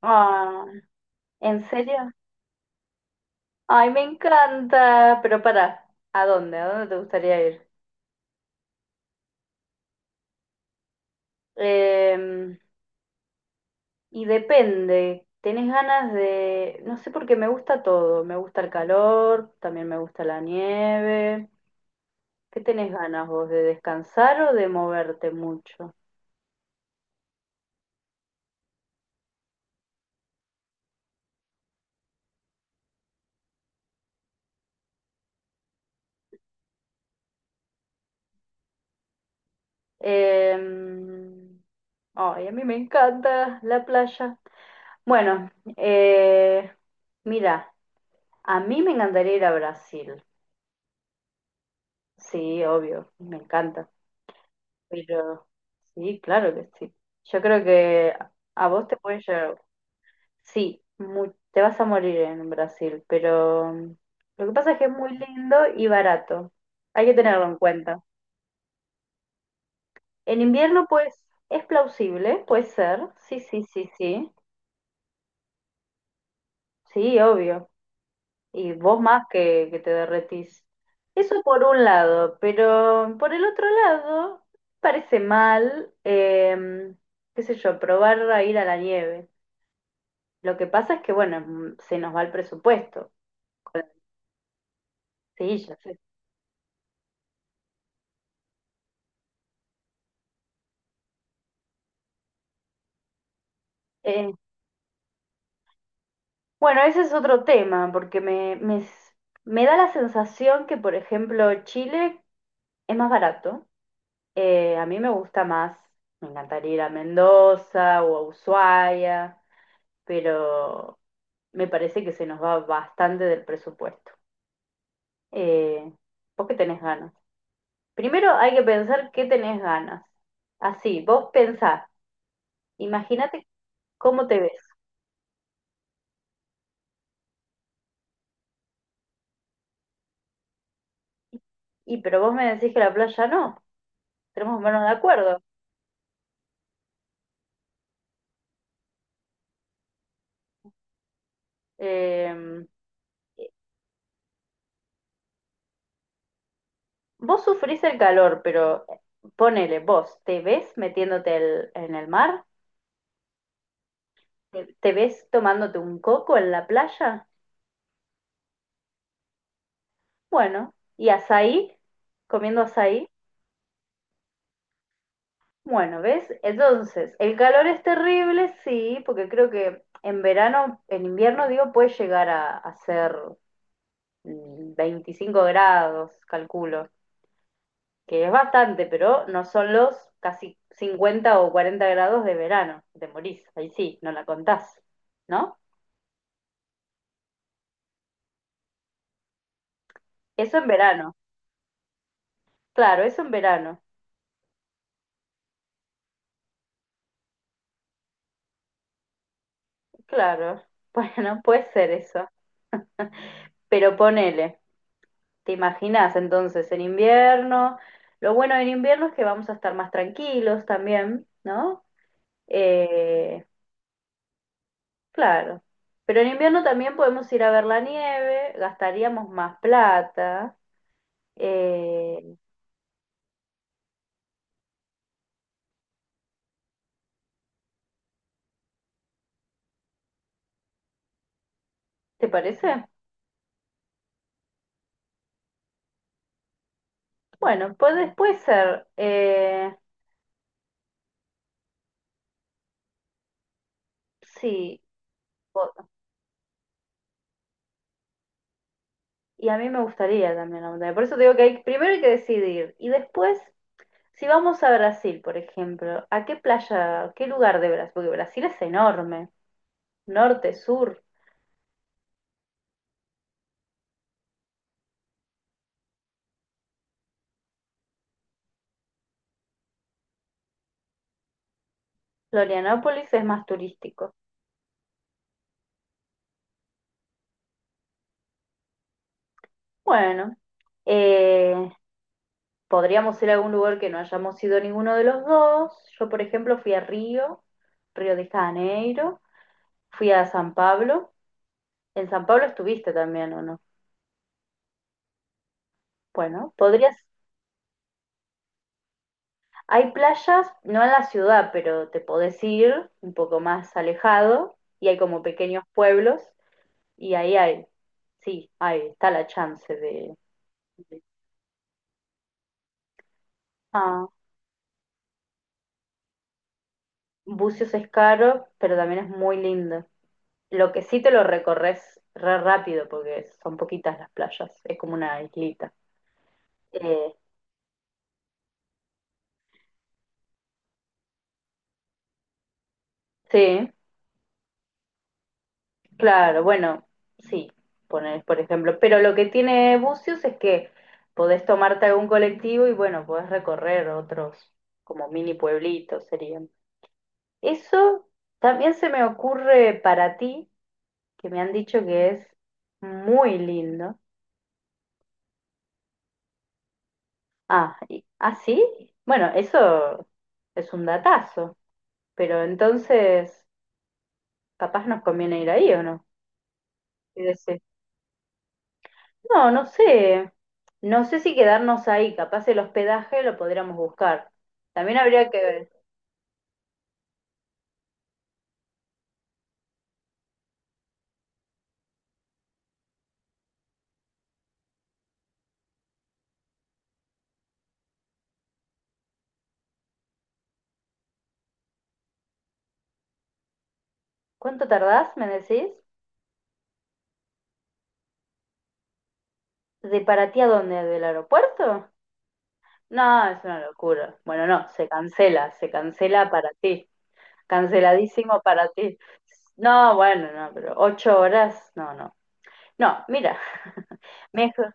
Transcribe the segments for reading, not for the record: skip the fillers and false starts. Ah, ¿en serio? Ay, me encanta. Pero para, ¿a dónde? ¿A dónde te gustaría ir? Em, y depende. ¿Tenés ganas de...? No sé, porque me gusta todo. Me gusta el calor, también me gusta la nieve. ¿Qué tenés ganas vos? ¿De descansar o de moverte mucho? Em, Ay, a mí me encanta la playa. Bueno, eh, mira, a mí me encantaría ir a Brasil. Sí, obvio, me encanta. Pero sí, claro que sí. Yo creo que a vos te puede llegar. Sí, te vas a morir en Brasil, pero lo que pasa es que es muy lindo y barato. Hay que tenerlo en cuenta. En invierno, pues, es plausible, puede ser. Sí, sí, sí, sí. Sí, obvio. Y vos más que te derretís. Eso por un lado, pero por el otro lado, parece mal, qué sé yo, probar a ir a la nieve. Lo que pasa es que, bueno, se nos va el presupuesto con las sillas. Eh, bueno, ese es otro tema, porque me da la sensación que, por ejemplo, Chile es más barato. A mí me gusta más, me encantaría ir a Mendoza o a Ushuaia pero me parece que se nos va bastante del presupuesto. Eh, ¿Vos qué tenés ganas? Primero hay que pensar qué tenés ganas. Así, vos pensás, imagínate cómo te ves. Y pero vos me decís que la playa no, tenemos manos de acuerdo. Eh, vos sufrís el calor, pero ponele, vos, ¿te ves metiéndote en el mar? ¿Te ves tomándote un coco en la playa? Bueno, y azaí, comiendo azaí. Bueno, ¿ves? Entonces, el calor es terrible, sí, porque creo que en verano, en invierno, digo, puede llegar a ser 25 grados, calculo, que es bastante, pero no son los casi 50 o 40 grados de verano, te morís, ahí sí, no la contás, ¿no? Eso en verano, claro, eso en verano. Claro, bueno, puede ser eso. Pero ponele, ¿te imaginas entonces en invierno? Lo bueno en invierno es que vamos a estar más tranquilos también, ¿no? Eh, claro. Pero en invierno también podemos ir a ver la nieve, gastaríamos más plata. Eh, ¿Te parece? Bueno, puede, puede ser. Sí, y a mí me gustaría también la montaña. Por eso te digo que hay, primero hay que decidir. Y después, si vamos a Brasil, por ejemplo, ¿a qué playa, qué lugar de Brasil? Porque Brasil es enorme. Norte, sur. Florianópolis es más turístico. Bueno, eh, podríamos ir a algún lugar que no hayamos ido ninguno de los dos. Yo, por ejemplo, fui a Río, Río de Janeiro. Fui a San Pablo. En San Pablo estuviste también, ¿o no? Bueno, podrías. Hay playas, no en la ciudad, pero te podés ir un poco más alejado y hay como pequeños pueblos y ahí hay, sí, ahí está la chance de... de- Ah, Bucios es caro, pero también es muy lindo. Lo que sí te lo recorres re rápido porque son poquitas las playas, es como una islita. Eh, sí, claro, bueno, sí, poner, por ejemplo. Pero lo que tiene Bucios es que podés tomarte algún colectivo y bueno, podés recorrer otros como mini pueblitos serían. Eso también se me ocurre para ti, que me han dicho que es muy lindo. Ah, ¿ah, sí? Bueno, eso es un datazo, pero entonces capaz nos conviene ir ahí o no. No, no sé. No sé si quedarnos ahí. Capaz el hospedaje lo podríamos buscar. También habría que ver. ¿Cuánto tardás, me decís? ¿De para ti a dónde? ¿Del aeropuerto? No, es una locura. Bueno, no, se cancela para ti. Canceladísimo para ti. No, bueno, no, pero 8 horas, no, no. No, mira, mejor.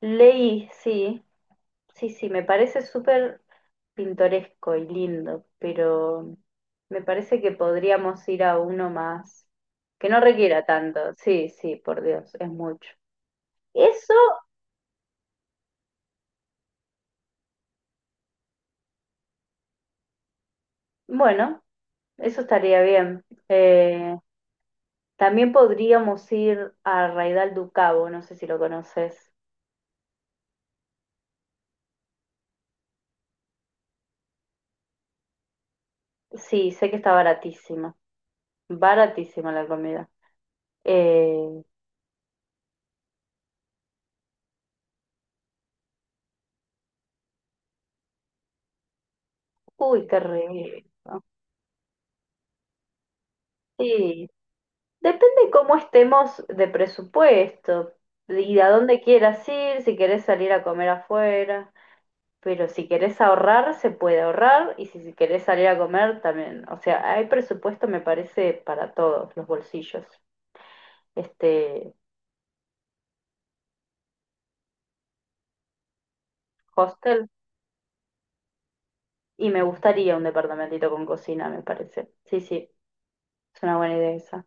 Leí, sí, sí, sí, me parece súper pintoresco y lindo, pero me parece que podríamos ir a uno más, que no requiera tanto. Sí, sí, por Dios, es mucho. Eso, bueno, eso estaría bien. También podríamos ir a Raidal do Cabo, no sé si lo conoces. Sí, sé que está baratísima, baratísima la comida. Eh, uy, qué rico. Sí, depende cómo estemos de presupuesto y a dónde quieras ir, si querés salir a comer afuera, pero si querés ahorrar, se puede ahorrar y si querés salir a comer también. O sea, hay presupuesto, me parece, para todos los bolsillos. Este hostel y me gustaría un departamentito con cocina, me parece. Sí, sí, es una buena idea esa.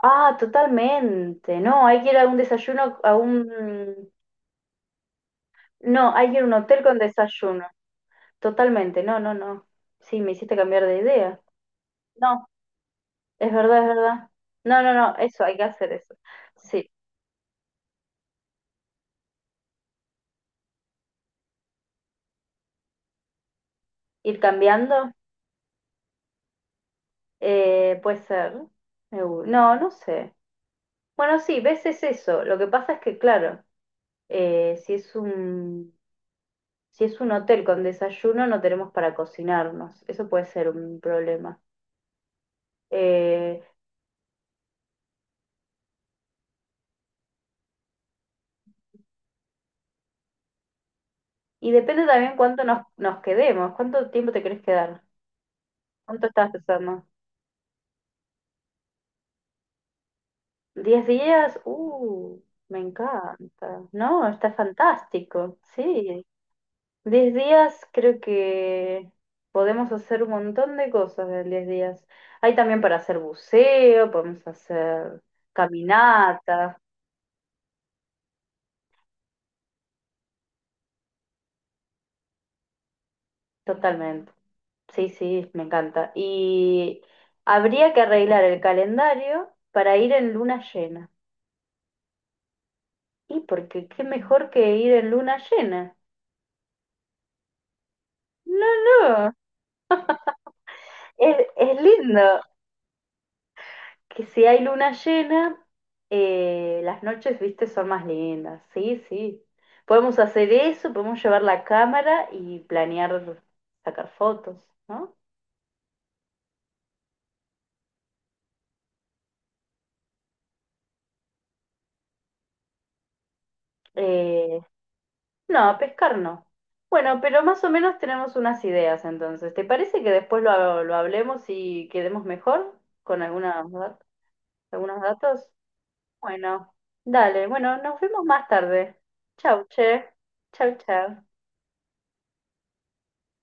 Ah, totalmente. No, hay que ir a un desayuno, a un... No, hay que ir a un hotel con desayuno. Totalmente, no, no, no. Sí, me hiciste cambiar de idea. No, es verdad, es verdad. No, no, no, eso, hay que hacer eso. Sí, ir cambiando, puede ser. No, no sé. Bueno, sí, ves, es eso. Lo que pasa es que, claro, eh, si es un, si es un hotel con desayuno, no tenemos para cocinarnos. Eso puede ser un problema. Eh, y depende también cuánto nos quedemos, cuánto tiempo te querés quedar. ¿Cuánto estás pensando? 10 días, me encanta. No, está fantástico, sí. 10 días creo que podemos hacer un montón de cosas en 10 días. Hay también para hacer buceo, podemos hacer caminatas, totalmente. Sí, sí, me encanta. Y habría que arreglar el calendario para ir en luna llena. Y porque qué mejor que ir en luna llena. No, no, es lindo. Que si hay luna llena, las noches, viste, son más lindas. Sí, sí. Podemos hacer eso, podemos llevar la cámara y planear sacar fotos, ¿no? Eh, no, a pescar no. Bueno, pero más o menos tenemos unas ideas entonces. ¿Te parece que después lo hablemos y quedemos mejor con algunas, algunos datos? Bueno, dale, bueno, nos vemos más tarde. Chau, che. Chau, chau.